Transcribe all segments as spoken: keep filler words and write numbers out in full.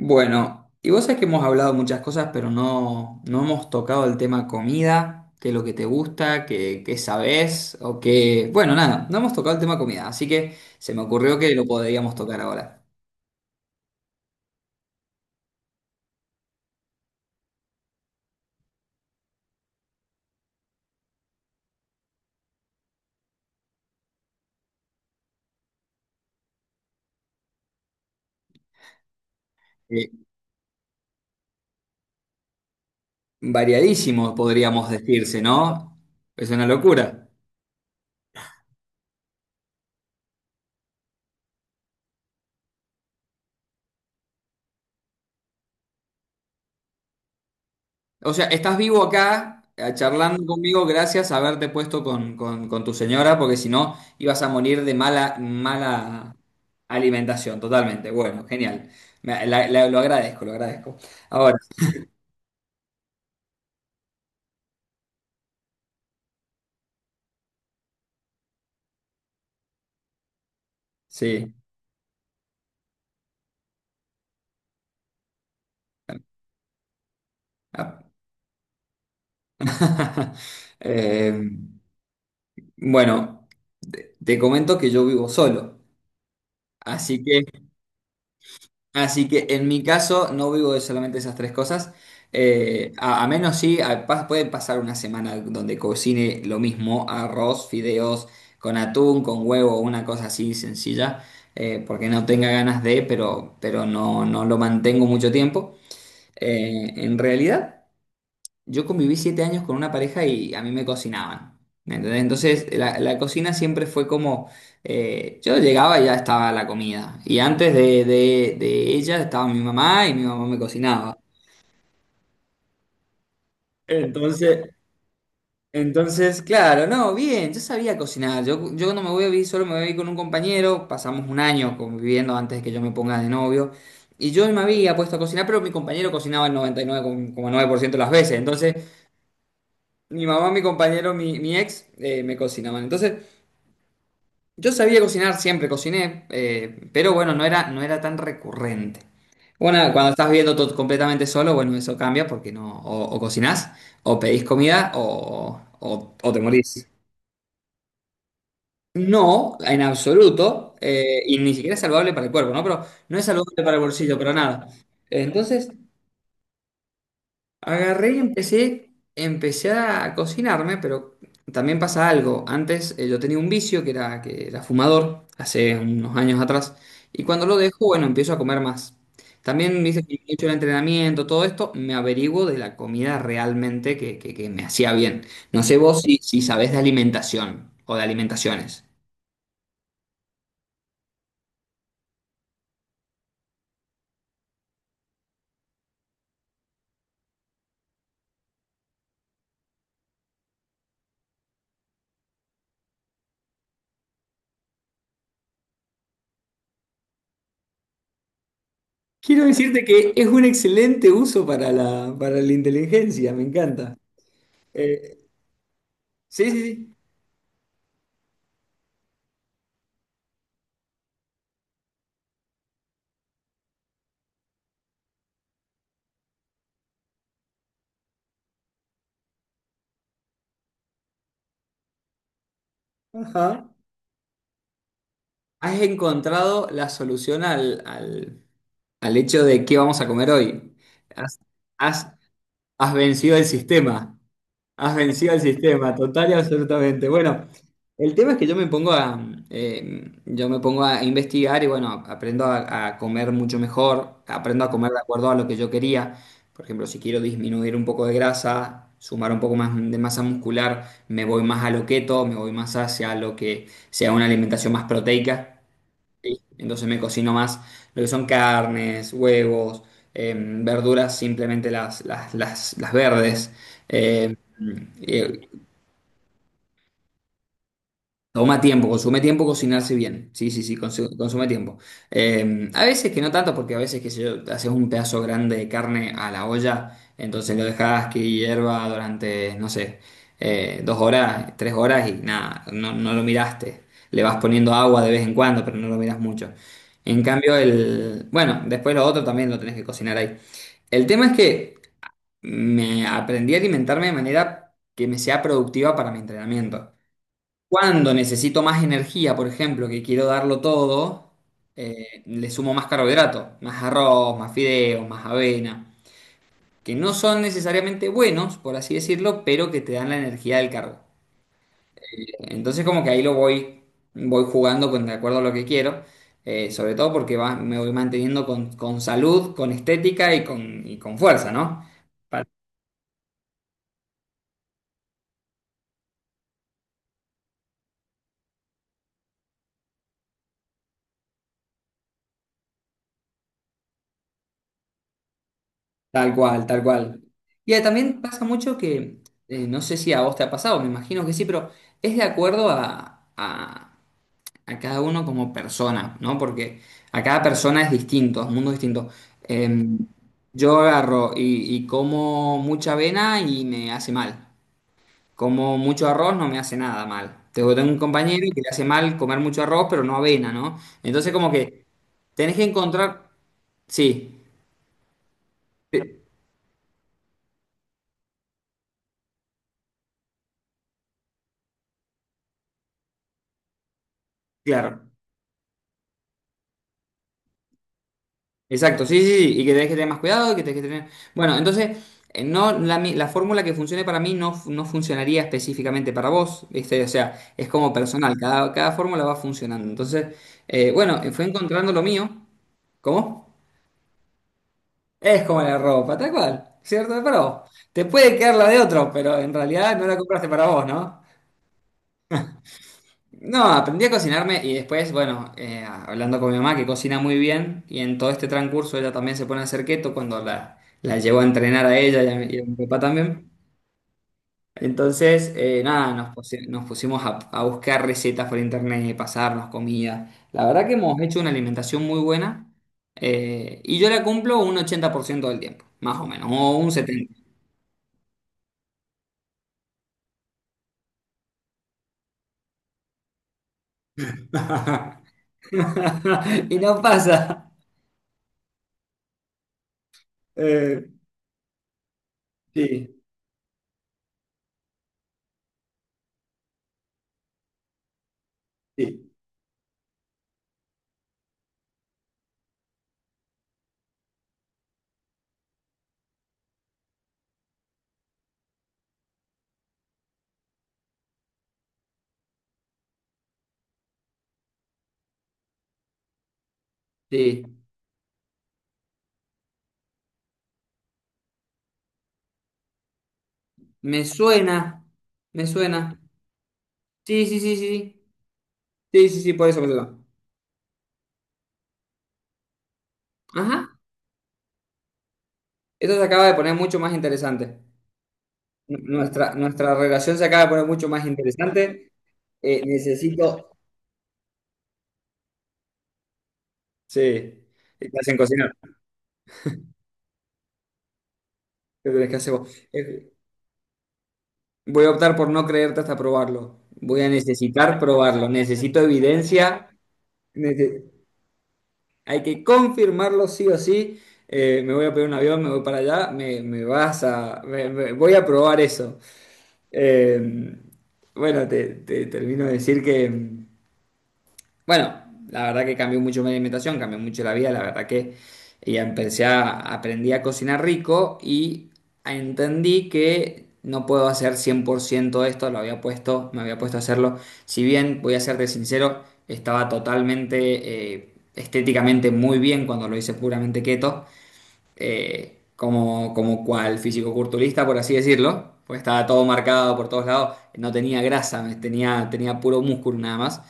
Bueno, y vos sabés que hemos hablado muchas cosas, pero no, no hemos tocado el tema comida, qué es lo que te gusta, qué, qué sabés, o qué. Bueno, nada, no hemos tocado el tema comida, así que se me ocurrió que lo podríamos tocar ahora. Eh, variadísimo, podríamos decirse, ¿no? Es una locura. O sea, estás vivo acá, eh, charlando conmigo gracias a haberte puesto con, con- con tu señora, porque si no ibas a morir de mala, mala alimentación, totalmente. Bueno, genial. Me- la- la- lo agradezco, lo agradezco. Ahora, sí. Ah. Eh, bueno, te te comento que yo vivo solo, así que Así que en mi caso no vivo de solamente esas tres cosas. Eh, a, a menos sí, a- pas- puede pasar una semana donde cocine lo mismo, arroz, fideos, con atún, con huevo, una cosa así sencilla, eh, porque no tenga ganas de, pero, pero no, no lo mantengo mucho tiempo. Eh, en realidad. Yo conviví siete años con una pareja y a mí me cocinaban. ¿Me entendés? Entonces, la, la cocina siempre fue como, eh, yo llegaba y ya estaba la comida. Y antes de, de- de ella estaba mi mamá y mi mamá me cocinaba. Entonces, entonces, claro, no, bien, yo sabía cocinar. Yo, yo no me voy a vivir solo, me voy a vivir con un compañero. Pasamos un año conviviendo antes de que yo me ponga de novio. Y yo me había puesto a cocinar, pero mi compañero cocinaba el noventa y nueve coma nueve por ciento de las veces. Entonces, mi mamá, mi compañero, mi, mi ex, eh, me cocinaban. Entonces, yo sabía cocinar, siempre cociné, eh, pero bueno, no era, no era tan recurrente. Bueno, cuando estás viendo todo completamente solo, bueno, eso cambia porque no, o, o cocinás, o pedís comida, o, o- o te morís. No, en absoluto, eh, y ni siquiera es saludable para el cuerpo, ¿no? Pero no es saludable para el bolsillo, pero nada. Entonces, agarré y empecé, empecé a cocinarme, pero también pasa algo. Antes, eh, yo tenía un vicio que era, que era fumador, hace unos años atrás, y cuando lo dejo, bueno, empiezo a comer más. También dice que he hecho el entrenamiento, todo esto, me averiguo de la comida realmente que, que- que me hacía bien. No sé vos si, si sabés de alimentación o de alimentaciones. Quiero decirte que es un excelente uso para la, para la inteligencia, me encanta. Eh, sí, sí, sí. Ajá. Has encontrado la solución al, al- al hecho de qué vamos a comer hoy. Has, has- has vencido el sistema. Has vencido el sistema, total y absolutamente. Bueno, el tema es que yo me pongo a, eh, yo me pongo a investigar y bueno, aprendo a, a comer mucho mejor, aprendo a comer de acuerdo a lo que yo quería. Por ejemplo, si quiero disminuir un poco de grasa, sumar un poco más de masa muscular, me voy más a lo keto, me voy más hacia lo que sea una alimentación más proteica. ¿Sí? Entonces me cocino más lo que son carnes, huevos, eh, verduras, simplemente las, las, las, las verdes. eh, eh, Toma tiempo, consume tiempo cocinarse bien. Sí, sí, sí, consu- consume tiempo. Eh, a veces que no tanto, porque a veces que sé yo, haces un pedazo grande de carne a la olla, entonces lo dejas que hierva durante, no sé, eh, dos horas, tres horas y nada, no, no lo miraste. Le vas poniendo agua de vez en cuando, pero no lo miras mucho. En cambio, el, bueno, después lo otro también lo tenés que cocinar ahí. El tema es que me aprendí a alimentarme de manera que me sea productiva para mi entrenamiento. Cuando necesito más energía, por ejemplo, que quiero darlo todo, eh, le sumo más carbohidrato, más arroz, más fideos, más avena, que no son necesariamente buenos, por así decirlo, pero que te dan la energía del carbo. Entonces como que ahí lo voy, voy jugando con de acuerdo a lo que quiero, eh, sobre todo porque va- me voy manteniendo con, con salud, con estética y con, y con fuerza, ¿no? Tal cual, tal cual. Y eh, también pasa mucho que, eh, no sé si a vos te ha pasado, me imagino que sí, pero es de acuerdo a, a- a cada uno como persona, ¿no? Porque a cada persona es distinto, es un mundo distinto. Eh, yo agarro y, y como mucha avena y me hace mal. Como mucho arroz no me hace nada mal. Tengo tengo un compañero que le hace mal comer mucho arroz, pero no avena, ¿no? Entonces como que tenés que encontrar. Sí, eh, claro. Exacto, sí, sí, sí, y que tenés que tener más cuidado, y que tenés que tener. Bueno, entonces, eh, no, la, mi- la fórmula que funcione para mí, no, fu- no funcionaría específicamente para vos, ¿viste? O sea, es como personal, cada, cada fórmula va funcionando. Entonces, eh, bueno, eh, fue encontrando lo mío. ¿Cómo? Es como la ropa, tal cual, ¿cierto? Es para vos. Te puede quedar la de otro, pero en realidad no la compraste para vos, ¿no? No, aprendí a cocinarme y después, bueno, eh, hablando con mi mamá que cocina muy bien, y en todo este transcurso ella también se pone a hacer keto cuando la, la llevo a entrenar a ella y a, mi y a mi papá también. Entonces, eh, nada, nos, pusi- nos pusimos a, a buscar recetas por internet, pasarnos comida. La verdad que hemos hecho una alimentación muy buena, eh, y yo la cumplo un ochenta por ciento del tiempo, más o menos, o un setenta por ciento. Y no pasa. Eh, sí, sí. Sí. Me suena, me suena. Sí, sí, sí, sí. Sí, sí, sí, por eso, por eso. Ajá. Esto se acaba de poner mucho más interesante. Nu- Nuestra, nuestra relación se acaba de poner mucho más interesante. Eh, necesito. Sí. ¿Qué te hacen cocinar? ¿Qué tenés que hacer vos? Eh, voy a optar por no creerte hasta probarlo. Voy a necesitar probarlo. Necesito evidencia. Nece- Hay que confirmarlo sí o sí. Eh, me voy a pedir un avión, me voy para allá. Me, me vas a. me- me- voy a probar eso. Eh, bueno, te, te termino de decir que, bueno, la verdad que cambió mucho mi alimentación, cambió mucho la vida, la verdad que ya empecé a, aprendí a cocinar rico, y entendí que no puedo hacer cien por ciento esto, lo había puesto, me había puesto a hacerlo. Si bien, voy a serte sincero, estaba totalmente, eh, estéticamente muy bien cuando lo hice puramente keto, eh, como, como cual fisicoculturista, por así decirlo, pues estaba todo marcado por todos lados, no tenía grasa, tenía, tenía puro músculo nada más.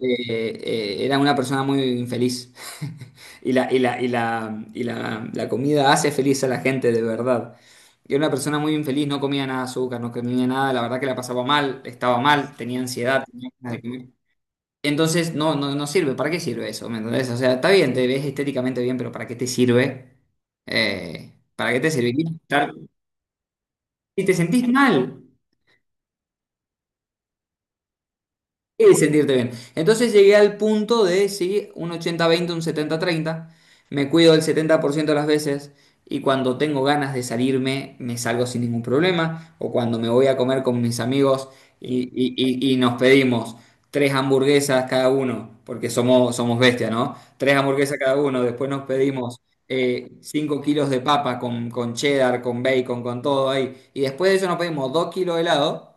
Eh, eh, era una persona muy infeliz. Y la, y la, y la, y la, la comida hace feliz a la gente de verdad. Y era una persona muy infeliz, no comía nada de azúcar, no comía nada, la verdad que la pasaba mal, estaba mal, tenía ansiedad, tenía ganas de comer. Entonces, no, no, no sirve. ¿Para qué sirve eso? ¿Me entendés? O sea, está bien, te ves estéticamente bien, pero ¿para qué te sirve? Eh, ¿para qué te serviría estar? Si te sentís mal. Y sentirte bien. Entonces llegué al punto de, sí, un ochenta veinte, un setenta treinta. Me cuido el setenta por ciento de las veces, y cuando tengo ganas de salirme, me salgo sin ningún problema. O cuando me voy a comer con mis amigos y, y- y- y nos pedimos tres hamburguesas cada uno, porque somos, somos bestias, ¿no? Tres hamburguesas cada uno, después nos pedimos, eh, cinco kilos de papa con, con cheddar, con bacon, con todo ahí. Y después de eso nos pedimos dos kilos de helado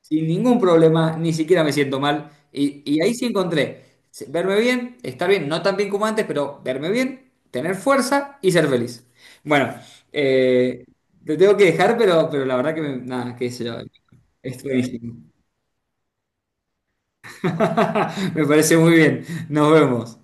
sin ningún problema, ni siquiera me siento mal. Y, y ahí sí encontré, se- verme bien, estar bien, no tan bien como antes, pero verme bien, tener fuerza y ser feliz. Bueno, eh, te tengo que dejar, pero, pero la verdad que, me- nada, qué sé yo, es buenísimo. Me parece muy bien. Nos vemos.